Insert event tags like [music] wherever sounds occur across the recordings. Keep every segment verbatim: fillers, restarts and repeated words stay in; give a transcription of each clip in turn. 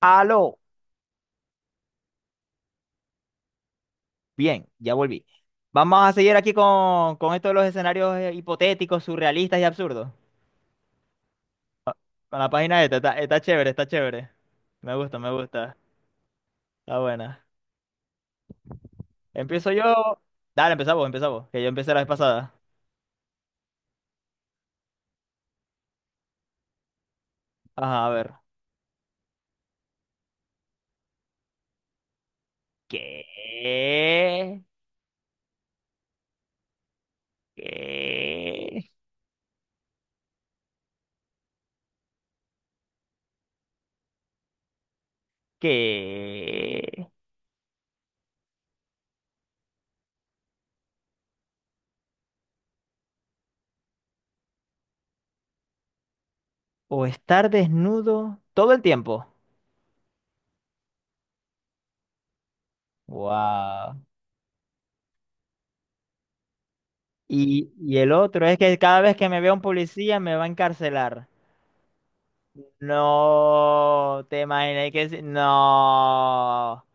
Aló, bien, ya volví. Vamos a seguir aquí con, con esto de los escenarios eh, hipotéticos, surrealistas y absurdos. Con la página esta, está, está chévere, está chévere. Me gusta, me gusta. Está buena. Empiezo yo. Dale, empezamos, empezamos. Que yo empecé la vez pasada. Ajá, a ver. ¿Qué? ¿Qué? ¿Qué? O estar desnudo todo el tiempo. Wow. Y, y el otro es que cada vez que me vea un policía me va a encarcelar. No, ¿te imaginas que sí? No.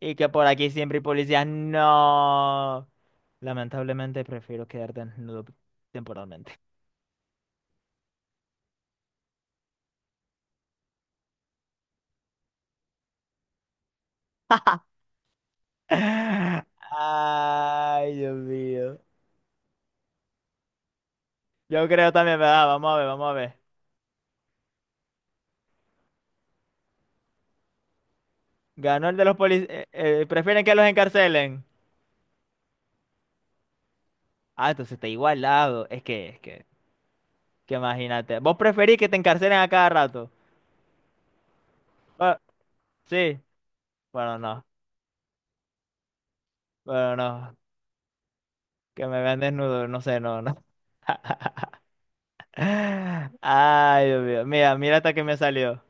Y que por aquí siempre hay policías, no. Lamentablemente prefiero quedar desnudo temporalmente. [laughs] Ay, Dios mío. Yo creo también, ¿verdad? Vamos a ver, vamos a ver. Ganó el de los policías. Prefieren que los encarcelen. Ah, entonces está igualado. Es que, es que, que imagínate. ¿Vos preferís que te encarcelen a cada rato? Ah, sí. Bueno, no. Bueno, no. Que me vean desnudo, no sé, no, no. [laughs] Ay, Dios mío. Mira, mira hasta que me salió.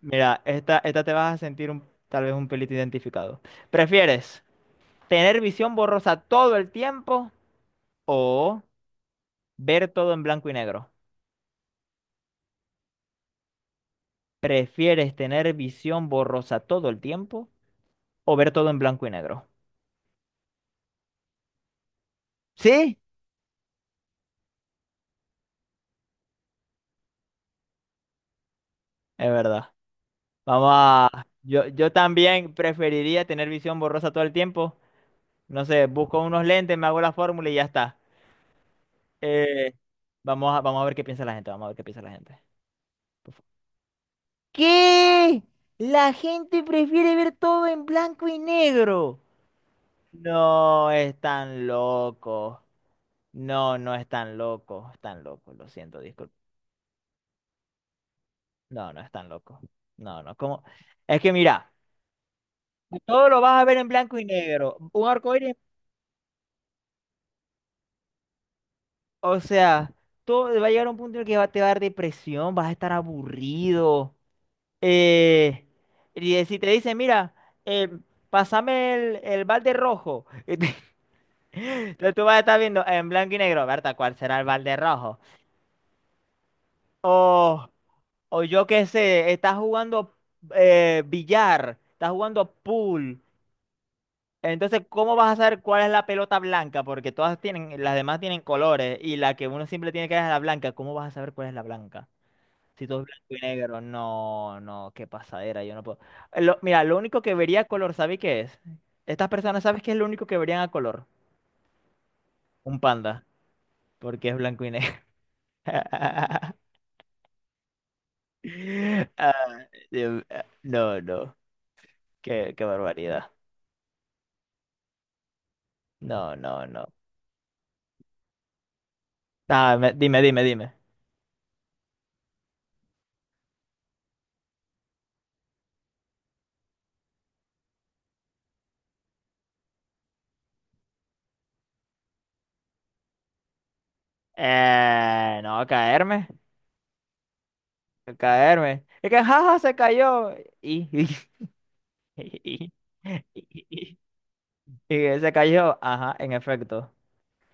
Mira, esta, esta te vas a sentir un- tal vez un pelito identificado. ¿Prefieres tener visión borrosa todo el tiempo o ver todo en blanco y negro? ¿Prefieres tener visión borrosa todo el tiempo o ver todo en blanco y negro? Sí, es verdad. Vamos a... Yo, yo también preferiría tener visión borrosa todo el tiempo. No sé, busco unos lentes, me hago la fórmula y ya está. Eh, vamos a, vamos a ver qué piensa la gente, vamos a ver qué piensa la gente. Por favor. ¿Qué? La gente prefiere ver todo en blanco y negro. No, están locos. No, no están locos. Están locos, lo siento, disculpa. No, no están locos. No, no, como. Es que mira, todo lo vas a ver en blanco y negro. Un arco iris, o sea, todo va a llegar a un punto en el que va- te va a dar depresión, vas a estar aburrido. Eh, y si te dice, mira, eh, pásame el, el balde rojo. [laughs] Entonces tú vas a estar viendo en blanco y negro, Berta, ¿cuál será el balde rojo? O, o yo qué sé, estás jugando eh, billar, estás jugando pool. Entonces, ¿cómo vas a saber cuál es la pelota blanca? Porque todas tienen, las demás tienen colores y la que uno siempre tiene que ver es la blanca. ¿Cómo vas a saber cuál es la blanca? Si todo es blanco y negro, no, no, qué pasadera, yo no puedo. Lo- mira, lo único que vería a color, ¿sabes qué es? Estas personas, ¿sabes qué es lo único que verían a color? Un panda, porque es blanco y negro. [laughs] Ah, Dios- ah, no, no, qué, qué barbaridad. No, no, no. Ah, me- dime, dime, dime. Eh, no, caerme, caerme. Es que jaja se cayó. Y, [laughs] y, y, y- y- y- y se cayó, ajá, en efecto.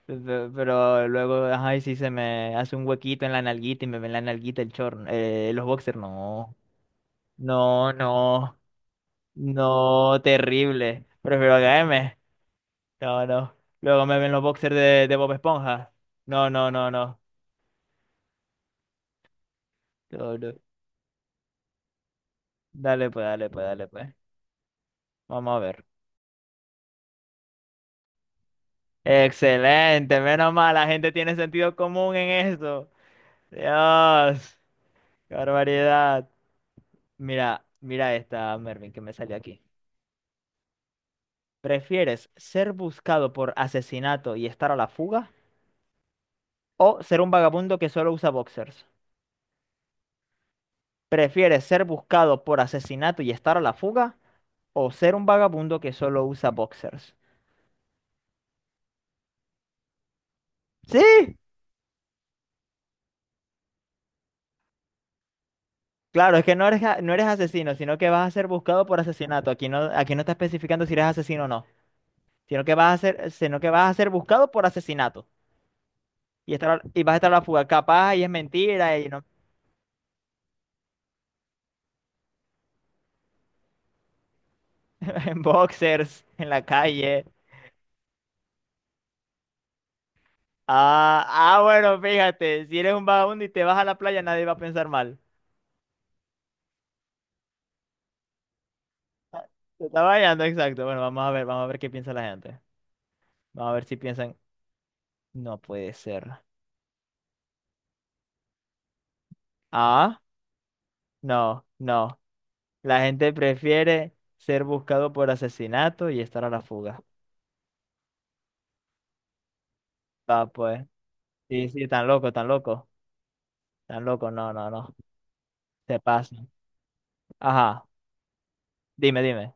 Pe- pero luego, ay, y si se me hace un huequito en la nalguita y me ven la nalguita el chorro, eh, los boxers, no, no, no, no, terrible, prefiero HM, no, no, luego me ven los boxers de, de Bob Esponja, no, no, no, no, no, no. Dale pues, dale pues, dale pues, vamos a ver, excelente, menos mal, la gente tiene sentido común en eso, Dios, qué barbaridad, mira, mira esta, Mervin, que me salió aquí. ¿Prefieres ser buscado por asesinato y estar a la fuga? ¿O ser un vagabundo que solo usa boxers? ¿Prefieres ser buscado por asesinato y estar a la fuga? ¿O ser un vagabundo que solo usa boxers? Sí, claro, es que no eres, a- no eres asesino, sino que vas a ser buscado por asesinato. Aquí no, aquí no está especificando si eres asesino o no, sino que vas a ser, sino que vas a ser buscado por asesinato y, estar, a- y vas a estar a la fuga. Capaz y es mentira y no, [laughs] en boxers, en la calle. Ah, ah, bueno, fíjate, si eres un vagabundo y te vas a la playa, nadie va a pensar mal. Ah, te está bañando, exacto. Bueno, vamos a ver, vamos a ver qué piensa la gente. Vamos a ver si piensan, no puede ser. Ah, no, no. La gente prefiere ser buscado por asesinato y estar a la fuga. Ah, pues. Sí, sí, tan loco, tan loco. Tan loco, no, no, no. Se pasa. Ajá, dime, dime.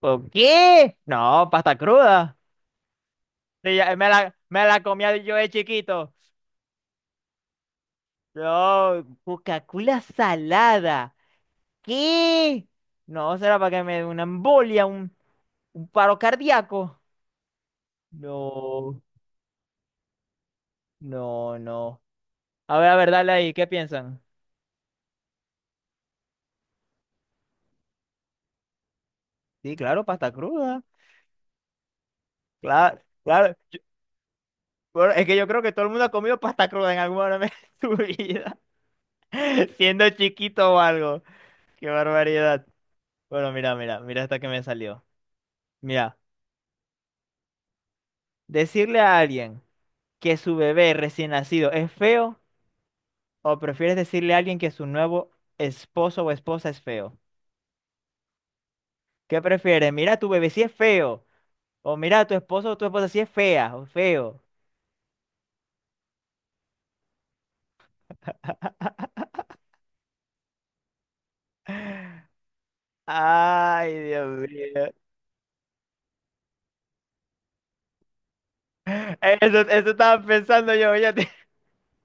¿Por qué? No, pasta cruda. Sí, ya- me la, me la comía yo de chiquito. No, Coca-Cola salada. ¿Qué? No, será para que me dé una embolia, un, un paro cardíaco. No, no, no. A ver, a ver, dale ahí, ¿qué piensan? Sí, claro, pasta cruda. Claro, claro. Bueno, es que yo creo que todo el mundo ha comido pasta cruda en algún momento de su vida, [laughs] siendo chiquito o algo. Qué barbaridad. Bueno, mira, mira, mira esta que me salió. Mira, decirle a alguien que su bebé recién nacido es feo. ¿O prefieres decirle a alguien que su nuevo esposo o esposa es feo? ¿Qué prefieres? Mira, tu bebé si es feo. O mira, tu esposo o tu esposa si es fea o feo. Ay, Dios mío. Eso, eso estaba pensando yo, oye. [laughs]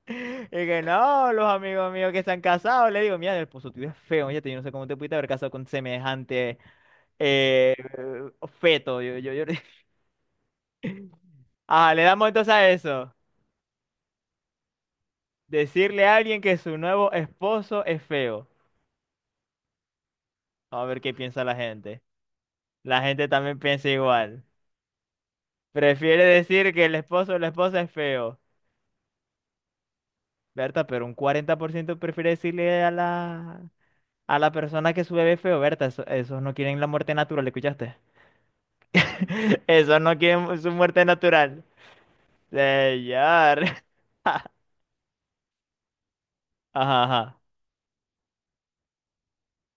Y que no, los amigos míos que se han casado, le digo, mira, el esposo tuyo es feo, oye, yo no sé cómo te pudiste haber casado con semejante eh, feto. Yo, yo, yo... [laughs] Ah, le damos entonces a eso. Decirle a alguien que su nuevo esposo es feo. A ver qué piensa la gente. La gente también piensa igual. Prefiere decir que el esposo o la esposa es feo. Berta, pero un cuarenta por ciento prefiere decirle a la, a la persona que su bebé es feo. Berta, eso- esos no quieren la muerte natural, ¿escuchaste? [laughs] Esos no quieren su muerte natural. Señor. [laughs] Ajá, ajá.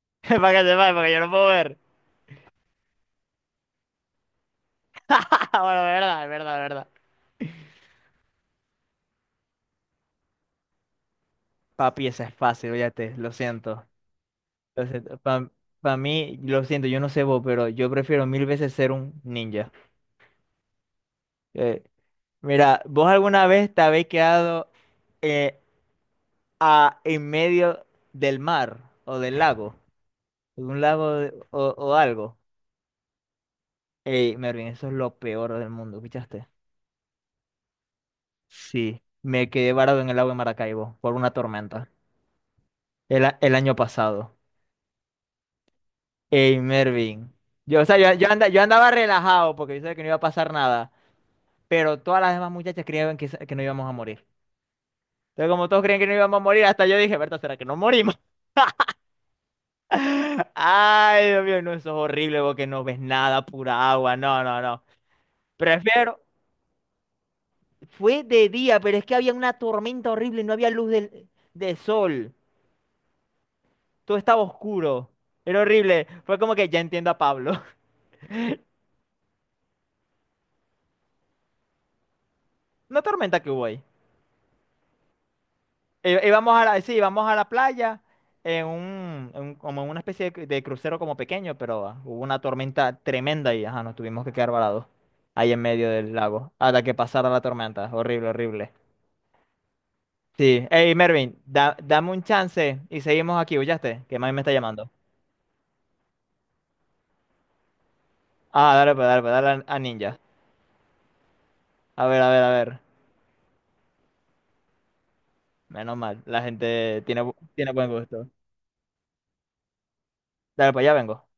[laughs] Para que sepa, porque yo no puedo ver. [laughs] Bueno, es verdad, es verdad, es verdad. Papi, eso es fácil, fíjate, lo siento. Lo siento. Pa- para mí, lo siento, yo no sé vos, pero yo prefiero mil veces ser un ninja. Eh, Mira, ¿vos alguna vez te habéis quedado eh, a- en medio del mar o del lago? De un lago de- o, o algo. Ey, Mervin, eso es lo peor del mundo, ¿escuchaste? Sí, me quedé varado en el lago de Maracaibo por una tormenta el, a- el año pasado. Ey, Mervin. Yo, o sea, yo, yo, anda- yo andaba relajado porque yo sabía que no iba a pasar nada, pero todas las demás muchachas creían que, se- que no íbamos a morir. Entonces, como todos creían que no íbamos a morir, hasta yo dije, ¿verdad? ¿Será que no morimos? Ay, Dios mío, no, eso es horrible porque no ves nada, pura agua. No, no, no. Prefiero. Fue de día, pero es que había una tormenta horrible, no había luz del, de sol. Todo estaba oscuro. Era horrible. Fue como que ya entiendo a Pablo. [laughs] Una tormenta que hubo ahí. Eh, Íbamos a la, sí, íbamos a la playa en un, en- como en una especie de, de crucero como pequeño, pero ah, hubo una tormenta tremenda y ajá, nos tuvimos que quedar varados ahí en medio del lago hasta que pasara la tormenta. Horrible, horrible. Sí. Hey, Mervin, da- dame un chance y seguimos aquí, ¿oyaste? Que mami me está llamando. Ah, dale, pues, dale, pues, dale a, a Ninja. A ver, a ver, a ver. Menos mal, la gente tiene, bu- tiene buen gusto. Dale, pues ya vengo.